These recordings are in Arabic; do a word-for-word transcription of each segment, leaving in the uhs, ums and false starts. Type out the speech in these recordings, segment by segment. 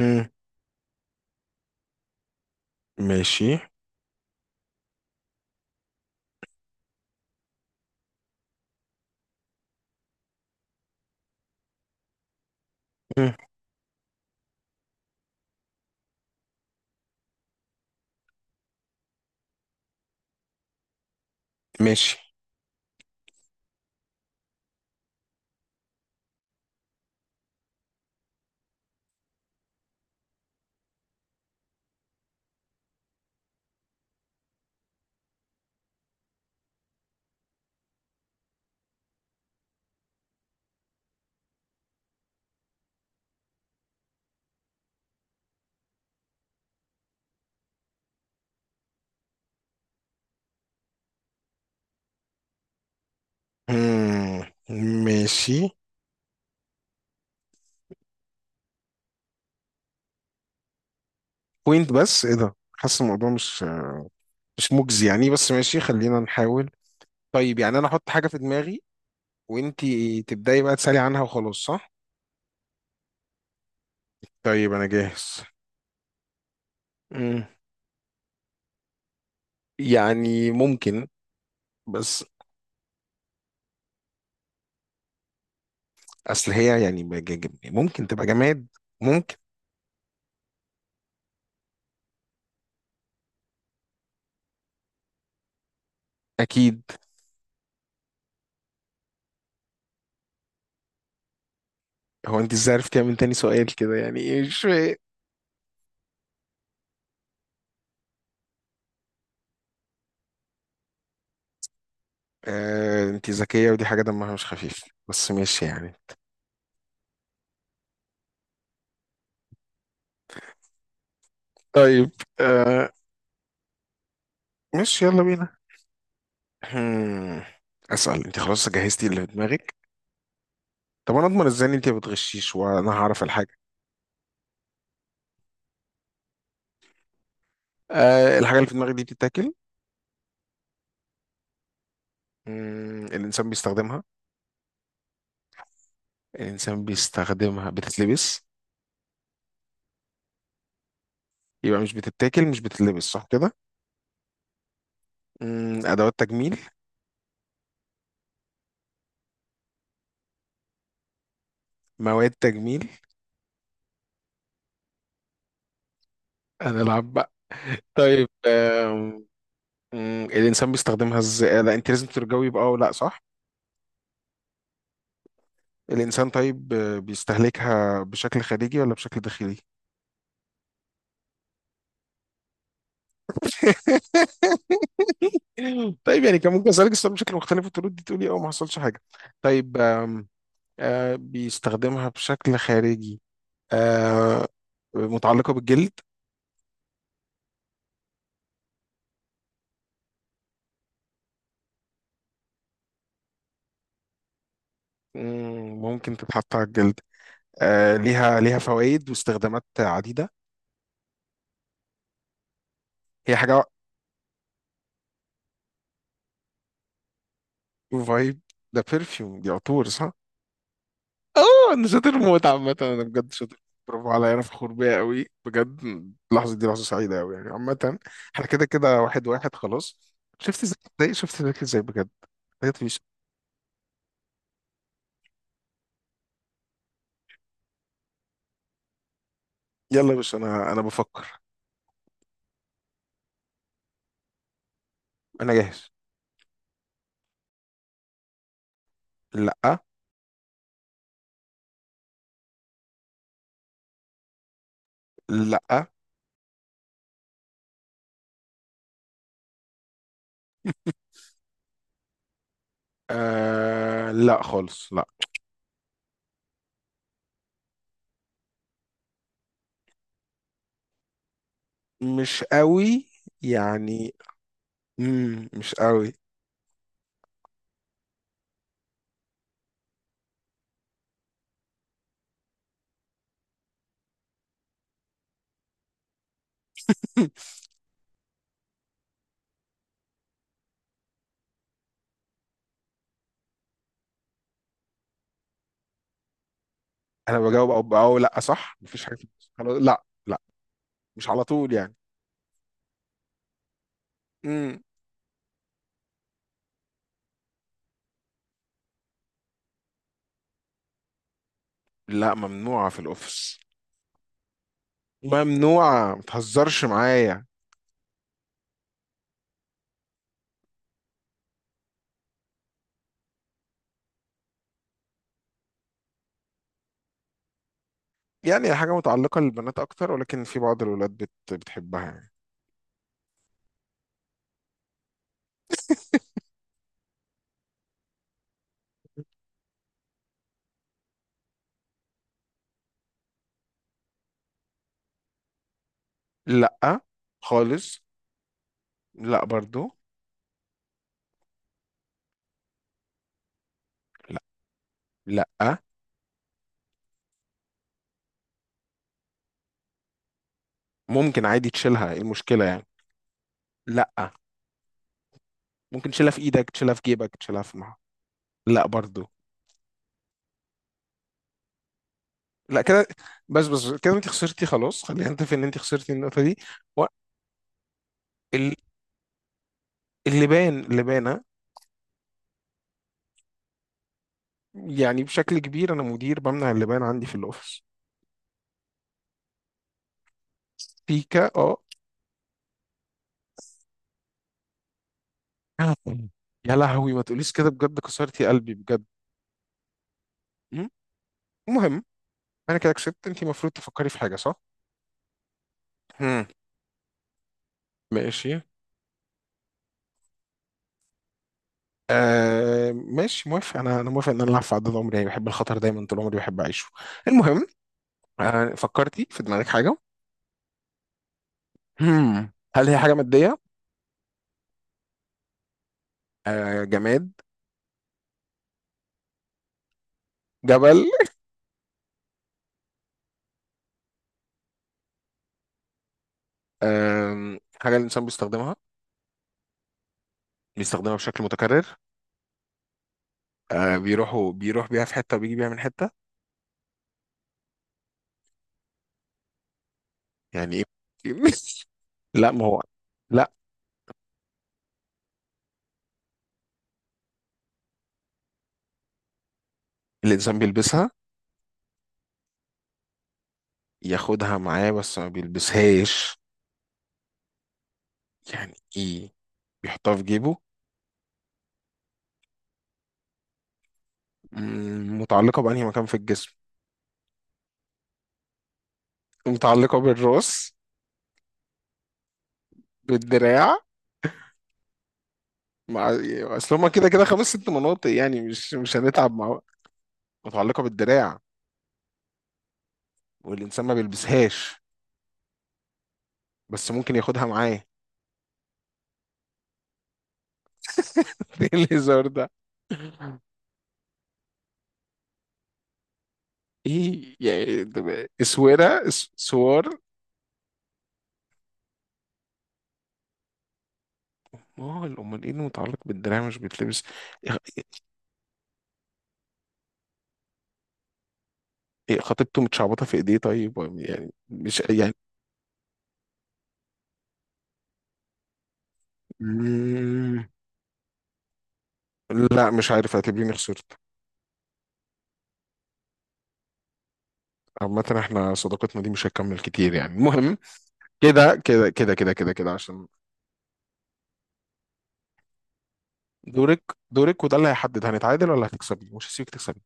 مم. ماشي. مم. ماشي. مم. ماشي. بوينت؟ بس ايه ده، حاسس الموضوع مش مش مجزي يعني، بس ماشي خلينا نحاول. طيب يعني انا احط حاجة في دماغي، وانتي تبدأي بقى تسألي عنها وخلاص، صح؟ طيب انا جاهز. مم. يعني ممكن، بس اصل هي يعني ما جا- جا- ممكن تبقى جماد، ممكن. اكيد. هو انت ازاي عرفتي من تاني سؤال كده، يعني ايه مش فاهم. آه انت ذكية، ودي حاجة دمها مش خفيف، بس ماشي يعني. طيب. آه ماشي يلا بينا. هم، اسأل. انت خلاص جهزتي اللي في دماغك؟ طب انا اضمن ازاي ان انت ما بتغشيش وانا هعرف الحاجة؟ آه، الحاجة اللي في دماغك دي بتتاكل؟ مم، الانسان بيستخدمها. الانسان بيستخدمها، بتتلبس؟ يبقى مش بتتاكل مش بتتلبس، صح كده؟ مم، ادوات تجميل. مواد تجميل. هنلعب بقى طيب آم، مم، الإنسان بيستخدمها ازاي؟ لا أنت لازم ترجوي بقى ولا صح؟ الإنسان طيب، آه، بيستهلكها بشكل خارجي ولا بشكل داخلي؟ طيب يعني كان ممكن اسالك السؤال بشكل مختلف وترد دي تقولي اه، ما حصلش حاجه. طيب آم، آه بيستخدمها بشكل خارجي. آه متعلقه بالجلد. مم، ممكن تتحط على الجلد. آه ليها ليها فوائد واستخدامات عديده. هي حاجه. فايب؟ ده برفيوم، دي عطور صح؟ اه انا شاطر موت، عامة انا بجد شاطر. برافو عليا، انا فخور بيا قوي بجد. اللحظة دي لحظة سعيدة قوي يعني عامة. احنا كده كده واحد واحد خلاص. شفت ازاي ازاي- شفت ذاك ازاي بجد. حاجات فيش. يلا يا باشا، انا انا بفكر. انا جاهز. لا. لا. آه لا خالص، لا. مش قوي يعني. مم، مش قوي. انا بجاوب او او لا، صح مفيش حاجة في- النص. خلاص لا، لا. مش على طول يعني. مم. لا، ممنوعة في الاوفيس. ممنوعة، ما تهزرش معايا. يعني حاجة متعلقة للبنات أكتر، ولكن في بعض الولاد بت... بتحبها يعني. لأ خالص. لأ برضو. لأ. لأ، ممكن عادي تشيلها، إيه المشكلة يعني؟ لأ، ممكن تشيلها في إيدك، تشيلها في جيبك، تشيلها في مع. لأ برضو. لأ كده. بس بس كده، أنت خسرتي، خلاص خلينا نتفق إن أنت خسرتي النقطة دي. و... ال- اللبان، لبانة. يعني بشكل كبير أنا مدير بمنع اللبان عندي في الأوفيس. بيكا. اه. يا لهوي ما تقوليش كده بجد، كسرتي قلبي بجد. مم. المهم، انا كده كسبت، انت المفروض تفكري في حاجه صح. مم. ماشي. آه ماشي، موافق. انا انا موافق ان انا العب في عدد عمري، يعني بحب الخطر دايما، طول عمري بحب اعيشه. المهم. آه فكرتي في دماغك حاجه؟ مم. هل هي حاجه ماديه؟ آه جماد؟ جبل؟ آه حاجه الانسان بيستخدمها؟ بيستخدمها بشكل متكرر؟ آه بيروحوا بيروح بيها في حته وبيجي بيها من حته؟ يعني ايه؟ لا، ما هو لا، الانسان بيلبسها؟ ياخدها معاه بس ما بيلبسهاش؟ يعني ايه، بيحطها في جيبه؟ مم، متعلقة بأنهي مكان في الجسم؟ متعلقة بالراس؟ بالدراع؟ مع. اصل هما كده كده خمس ست مناطق يعني، مش مش هنتعب مع بعض. متعلقة بالدراع، والإنسان ما بيلبسهاش، بس ممكن ياخدها معاه. ايه الهزار ده؟ ايه يعني ده- اسوره اس- سوار؟ ما هو امال ايه اللي متعلق بالدراع مش بيتلبس؟ إيه- إيه، خطيبته متشعبطه في ايديه؟ طيب يعني مش يعني. مم. لا مش عارف، اعتبريني خسرت. عامة احنا صداقتنا دي مش هتكمل كتير يعني. المهم، كده كده كده كده كده كده عشان. دورك. دورك، وده اللي هيحدد هنتعادل ولا هتكسبي، مش هسيبك تكسبي.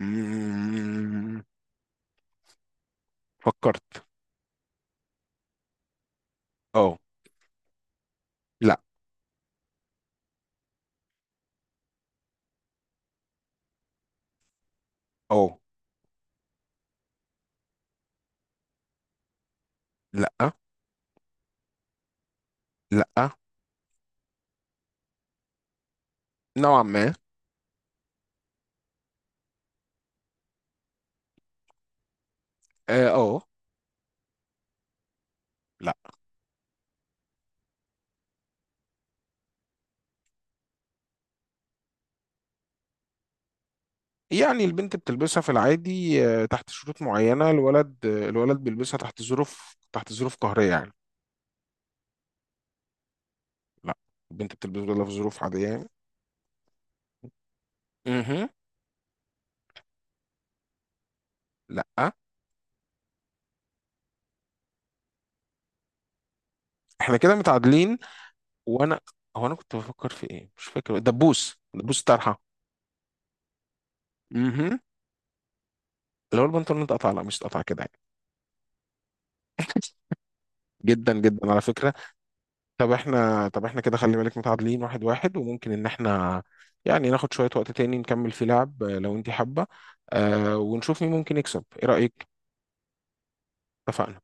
مم. فكرت. اه. لا. اه. لا. لا. نوعا ما. اه. آه، لا. يعني البنت بتلبسها في العادي آه، تحت شروط معينة. الولد آه، الولد بيلبسها تحت ظروف، تحت ظروف قهرية يعني. لا، البنت بتلبسها في ظروف عادية يعني. مهم. لا. احنا كده متعادلين. وانا، هو انا كنت بفكر في ايه مش فاكر، دبوس. دبوس طرحه. امم اللي هو البنطلون اتقطع، لا مش اتقطع كده يعني. جدا جدا على فكره. طب احنا، طب احنا كده خلي بالك متعادلين، واحد واحد، وممكن ان احنا يعني ناخد شويه وقت تاني نكمل في لعب آه، لو انت حابه، آه ونشوف مين ممكن يكسب. ايه رايك؟ اتفقنا؟